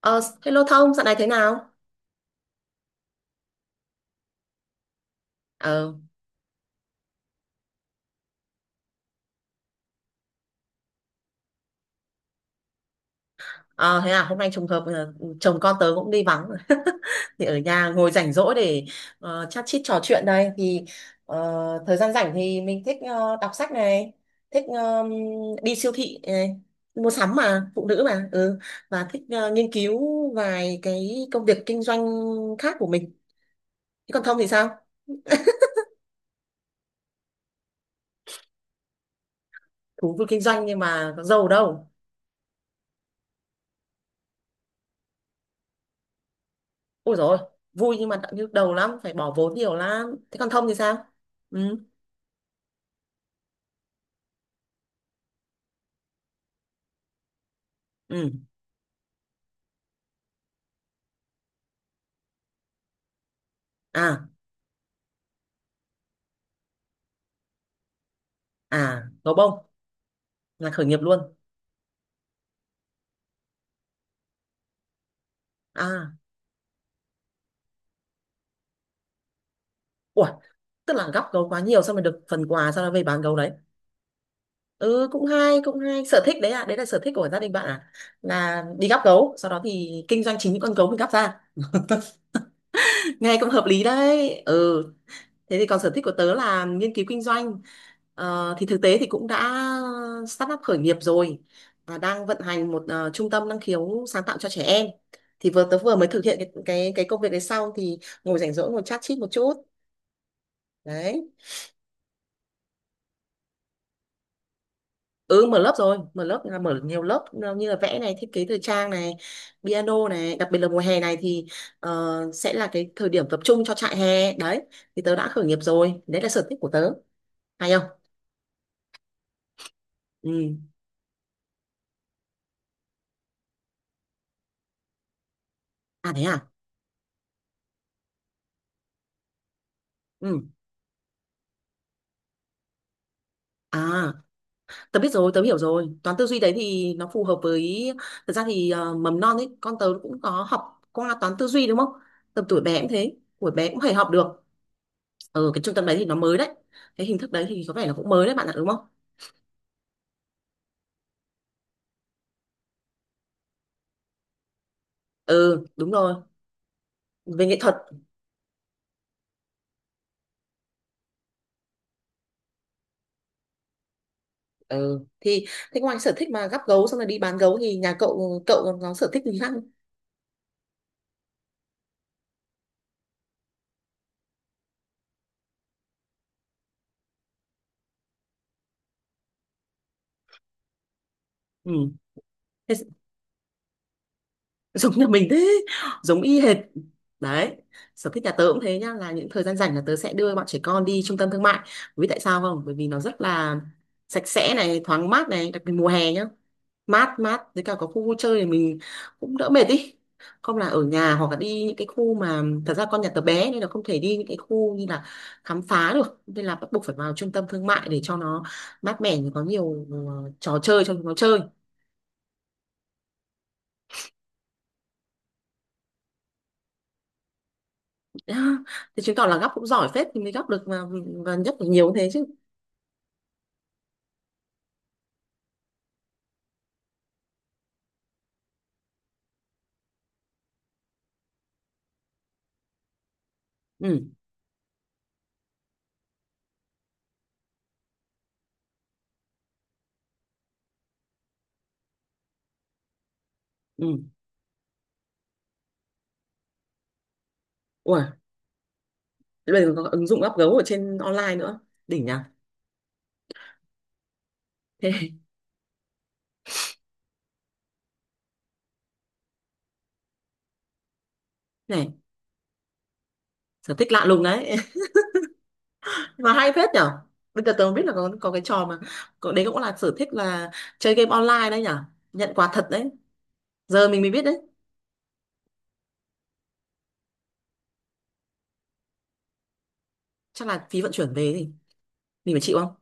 Ờ, Hello Thông, dạo này thế nào? Ờ, ờ, thế à, hôm nay trùng hợp chồng con tớ cũng đi vắng thì ở nhà ngồi rảnh rỗi để chat chít trò chuyện đây thì ờ, thời gian rảnh thì mình thích đọc sách này, thích đi siêu thị này, mua sắm mà, phụ nữ mà, ừ, và thích nghiên cứu vài cái công việc kinh doanh khác của mình. Thế còn Thông thì sao? Thú vui kinh doanh nhưng mà có giàu đâu. Ôi rồi vui nhưng mà nhức đầu lắm, phải bỏ vốn nhiều lắm. Thế còn Thông thì sao? Ừ, ừ. À, à, gấu bông là khởi nghiệp luôn. À, ủa, tức là góp gấu quá nhiều xong rồi được phần quà sau đó về bán gấu đấy. Ừ, cũng hay, cũng hay, sở thích đấy à, đấy là sở thích của gia đình bạn à, là đi gắp gấu sau đó thì kinh doanh chính những con gấu mình gắp ra. Nghe cũng hợp lý đấy, ừ. Thế thì còn sở thích của tớ là nghiên cứu kinh doanh. Thì thực tế thì cũng đã start up khởi nghiệp rồi và đang vận hành một trung tâm năng khiếu sáng tạo cho trẻ em. Thì vừa tớ vừa mới thực hiện cái công việc đấy xong thì ngồi rảnh rỗi ngồi chat chít một chút. Đấy. Ừ, mở lớp rồi, mở lớp là mở nhiều lớp như là vẽ này, thiết kế thời trang này, piano này, đặc biệt là mùa hè này thì sẽ là cái thời điểm tập trung cho trại hè. Đấy, thì tớ đã khởi nghiệp rồi. Đấy là sở thích của tớ. Hay không? Ừ. À thế à? Ừ. À, tớ biết rồi, tớ hiểu rồi. Toán tư duy đấy thì nó phù hợp với, thật ra thì mầm non ấy, con tớ cũng có học qua toán tư duy đúng không? Tầm tuổi bé cũng thế, tuổi bé cũng phải học được. Ở cái trung tâm đấy thì nó mới đấy. Cái hình thức đấy thì có vẻ là cũng mới đấy bạn ạ, đúng không? Ừ, đúng rồi. Về nghệ thuật. Ừ, thì thế ngoài sở thích mà gắp gấu xong rồi đi bán gấu thì nhà cậu cậu còn có sở thích gì khác không? Ừ. Thế giống nhà mình thế, giống y hệt đấy. Sở thích nhà tớ cũng thế nhá, là những thời gian rảnh là tớ sẽ đưa bọn trẻ con đi trung tâm thương mại, vì tại sao không, bởi vì nó rất là sạch sẽ này, thoáng mát này, đặc biệt mùa hè nhá, mát mát với cả có khu vui chơi thì mình cũng đỡ mệt đi, không là ở nhà, hoặc là đi những cái khu mà thật ra con nhà tớ bé nên là không thể đi những cái khu như là khám phá được, nên là bắt buộc phải vào trung tâm thương mại để cho nó mát mẻ, có nhiều trò chơi cho chúng nó chơi. Thì chứng tỏ là gấp cũng giỏi phết thì mới gấp được, và nhất được nhiều như thế chứ. Ừ, ừ, ủa, thế bây giờ có ứng dụng gấp gấu ở trên online nữa, đỉnh nhỉ. Thế này, sở thích lạ lùng đấy. Mà hay phết nhở, bây giờ tớ mới biết là có cái trò mà có, đấy cũng là sở thích là chơi game online đấy nhở, nhận quà thật đấy, giờ mình mới biết đấy. Chắc là phí vận chuyển về thì mình phải chịu không?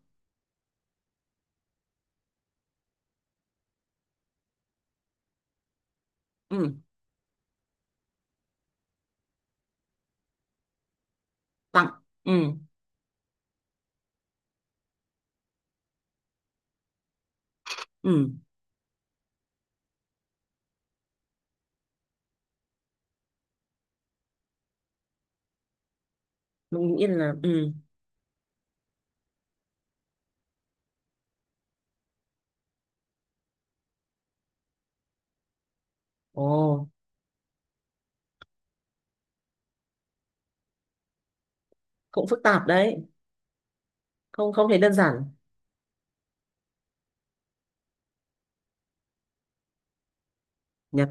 Ừ, tặng, ừ, ừ, mình nghĩ là, ừ, ồ, cũng phức tạp đấy, không không thấy đơn giản nhỉ.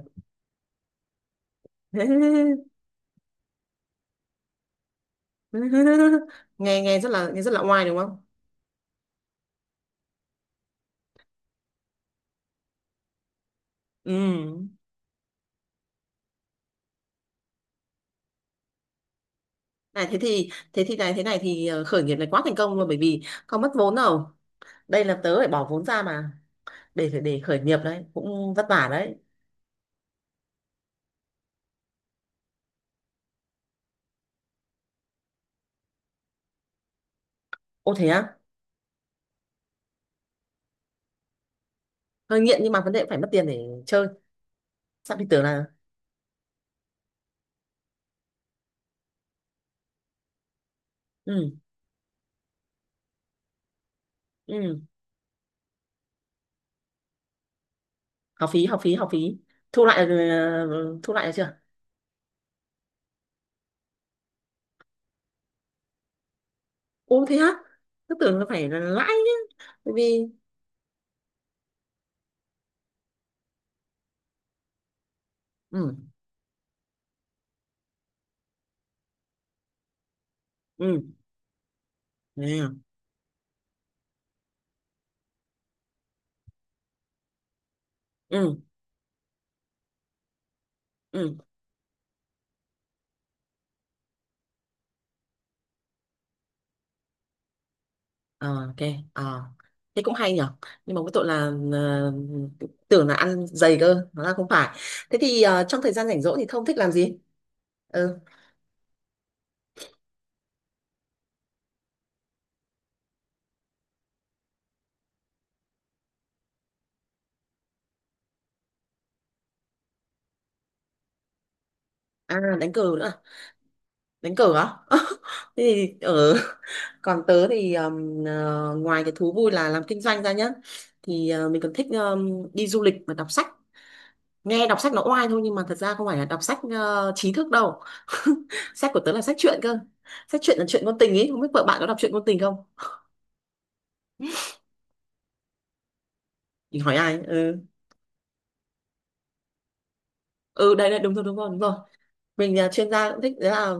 Nghe, nghe rất là, nghe rất là oai đúng không. Ừ, này thế thì, thế thì này, thế này thì khởi nghiệp này quá thành công luôn bởi vì không mất vốn đâu, đây là tớ phải bỏ vốn ra mà, để khởi nghiệp đấy cũng vất vả đấy. Ô thế á, hơi nghiện nhưng mà vấn đề phải mất tiền để chơi, sao thì tưởng là, ừ, ừ, học phí học phí học phí, thu lại thu lại được chưa. Ô thế á, cứ tưởng là phải là lãi nhá, bởi vì, ừ ừ ừ ừ ừ. Ờ, ok, thế cũng hay nhở, nhưng mà cái tội là tưởng là ăn dày cơ nó là không phải. Thế thì trong thời gian rảnh rỗi thì Thông thích làm gì? Ừ, à đánh cờ nữa à? Đánh cờ á. Thế thì ở, còn tớ thì ngoài cái thú vui là làm kinh doanh ra nhá, thì mình còn thích đi du lịch và đọc sách. Nghe đọc sách nó oai thôi nhưng mà thật ra không phải là đọc sách trí thức đâu. Sách của tớ là sách truyện cơ, sách truyện là chuyện ngôn tình ấy, không biết vợ bạn có đọc truyện ngôn tình không. Mình hỏi ai, ừ, ừ, đấy đấy, đúng rồi đúng rồi đúng rồi, mình là chuyên gia cũng thích đấy, là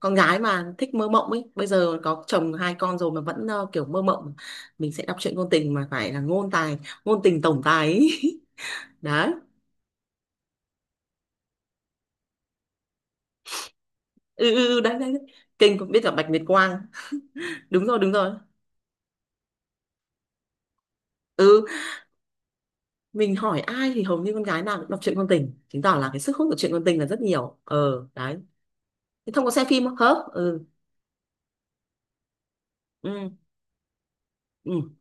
con gái mà thích mơ mộng ấy, bây giờ có chồng hai con rồi mà vẫn kiểu mơ mộng. Mình sẽ đọc truyện ngôn tình mà phải là ngôn tài, ngôn tình tổng tài ấy. Đấy, ừ ừ ừ, đấy đấy đấy. Kinh, cũng biết cả Bạch Nguyệt Quang. Đúng rồi đúng rồi, ừ. Mình hỏi ai thì hầu như con gái nào cũng đọc truyện ngôn tình, chứng tỏ là cái sức hút của truyện ngôn tình là rất nhiều, ờ đấy. Thế Thông có xem phim không hả? Ừ ừ ừ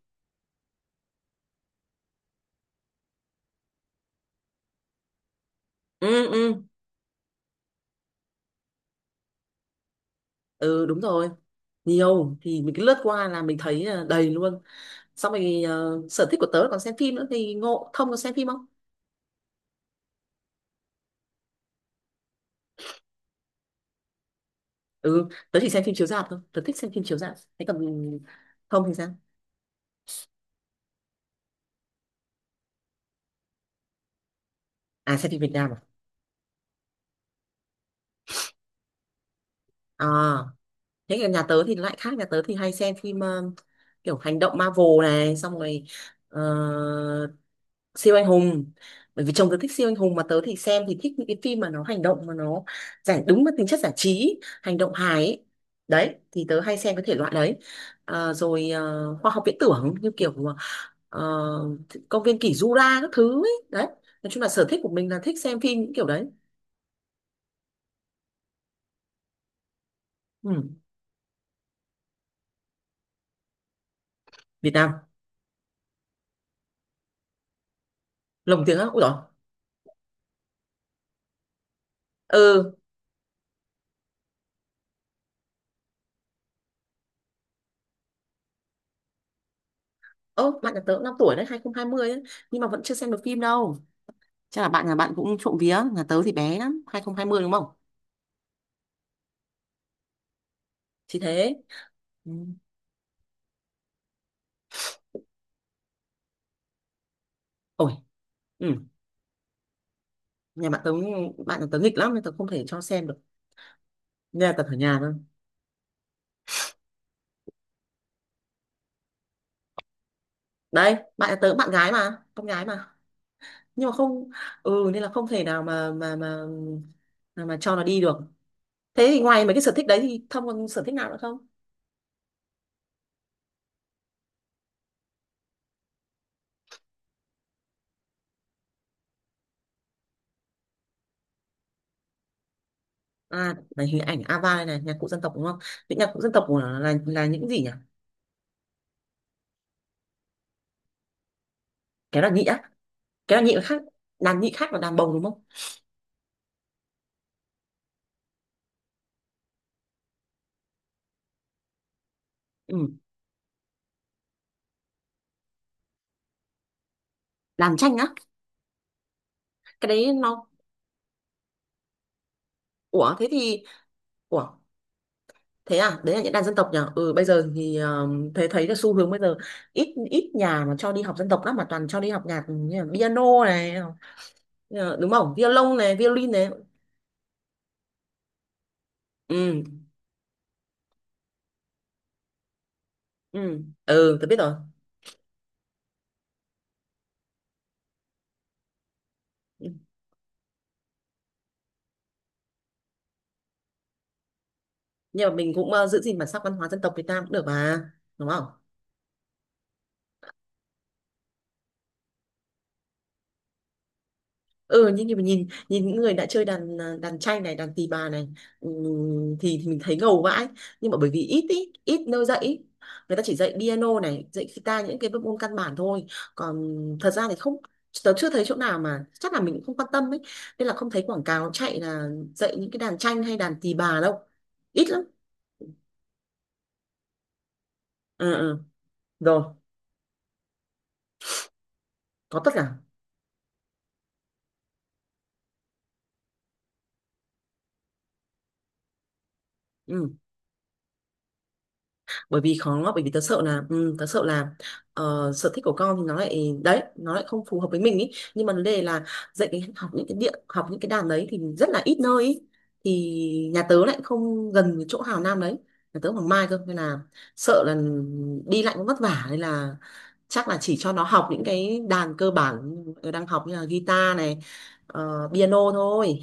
ừ ừ ừ, đúng rồi, nhiều thì mình cứ lướt qua là mình thấy là đầy luôn. Xong rồi sở thích của tớ là còn xem phim nữa, thì ngộ Thông có xem phim không. Ừ, tớ chỉ xem phim chiếu rạp thôi, tớ thích xem phim chiếu rạp, thế còn Thông thì sao? À xem phim Việt Nam à. À thế còn nhà tớ thì lại khác, nhà tớ thì hay xem phim kiểu hành động Marvel này, xong rồi ờ, siêu anh hùng, bởi vì chồng tớ thích siêu anh hùng, mà tớ thì xem thì thích những cái phim mà nó hành động, mà nó giải đúng với tính chất giải trí hành động hài ấy. Đấy thì tớ hay xem cái thể loại đấy, à, rồi khoa học viễn tưởng như kiểu mà ờ, công viên kỷ Jura các thứ ấy đấy. Nói chung là sở thích của mình là thích xem phim những kiểu đấy. Ừ. Việt Nam, lồng tiếng á, ui dồi, ừ. Ơ bạn nhà tớ cũng 5 tuổi đấy, 2020 ấy, nhưng mà vẫn chưa xem được phim đâu. Chắc là bạn nhà bạn cũng trộm vía, nhà tớ thì bé lắm, 2020 đúng không, chỉ thế. Ừ. Ôi, ừ. Nhà bạn tớ, bạn nhà tớ nghịch lắm nên tớ không thể cho xem được, nhà tớ ở nhà thôi. Đấy bạn nhà tớ bạn gái mà, con gái mà, nhưng mà không, ừ, nên là không thể nào mà, mà cho nó đi được. Thế thì ngoài mấy cái sở thích đấy thì Thông còn sở thích nào nữa không? À này hình ảnh Ava này, này nhạc cụ dân tộc đúng không, những nhạc cụ dân tộc của nó là những gì nhỉ? Kéo đàn nhị á, kéo đàn nhị là khác, đàn nhị khác là đàn bầu đúng không. Ừ. Đàn tranh á, cái đấy nó, ủa thế thì, ủa, thế à, đấy là những đàn dân tộc nhỉ. Ừ bây giờ thì thấy, thấy là xu hướng bây giờ ít, ít nhà mà cho đi học dân tộc lắm, mà toàn cho đi học nhạc, ừ, như là piano này, đúng không, violon này violin này. Ừ ừ ừ, tôi biết rồi. Ừ. Nhưng mà mình cũng giữ gìn bản sắc văn hóa dân tộc Việt Nam cũng được mà, đúng không. Ừ, nhưng mà nhìn nhìn những người đã chơi đàn, à, đàn tranh này, đàn tỳ bà này, thì mình thấy ngầu vãi, nhưng mà bởi vì ít ý, ít nơi dạy ý. Người ta chỉ dạy piano này, dạy guitar, những cái bộ môn căn bản thôi, còn thật ra thì không, tớ chưa thấy chỗ nào, mà chắc là mình cũng không quan tâm ấy, nên là không thấy quảng cáo chạy là dạy những cái đàn tranh hay đàn tỳ bà đâu, ít lắm. Ừ, ừ. Rồi có tất cả. Ừ. Bởi vì khó, bởi vì tớ sợ là, ừ, tớ sợ là sở thích của con thì nó lại đấy, nó lại không phù hợp với mình ý, nhưng mà vấn đề là dạy cái học những cái điện học những cái đàn đấy thì rất là ít nơi ý. Thì nhà tớ lại không gần với chỗ Hào Nam đấy, nhà tớ ở Hoàng Mai cơ nên là sợ là đi lại cũng vất vả, nên là chắc là chỉ cho nó học những cái đàn cơ bản nó đang học như là guitar này, piano thôi.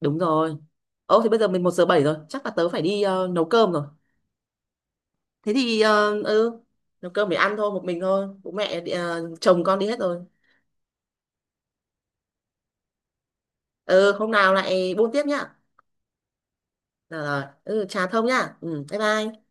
Đúng rồi. Ô thì bây giờ mình 1:07 rồi, chắc là tớ phải đi nấu cơm rồi. Thế thì ừ, nấu cơm để ăn thôi, một mình thôi, bố mẹ đi- ờ, chồng con đi hết rồi. Ừ hôm nào lại buôn tiếp nhá. Rồi, rồi. Ừ trà Thông nhá, ừ bye bye.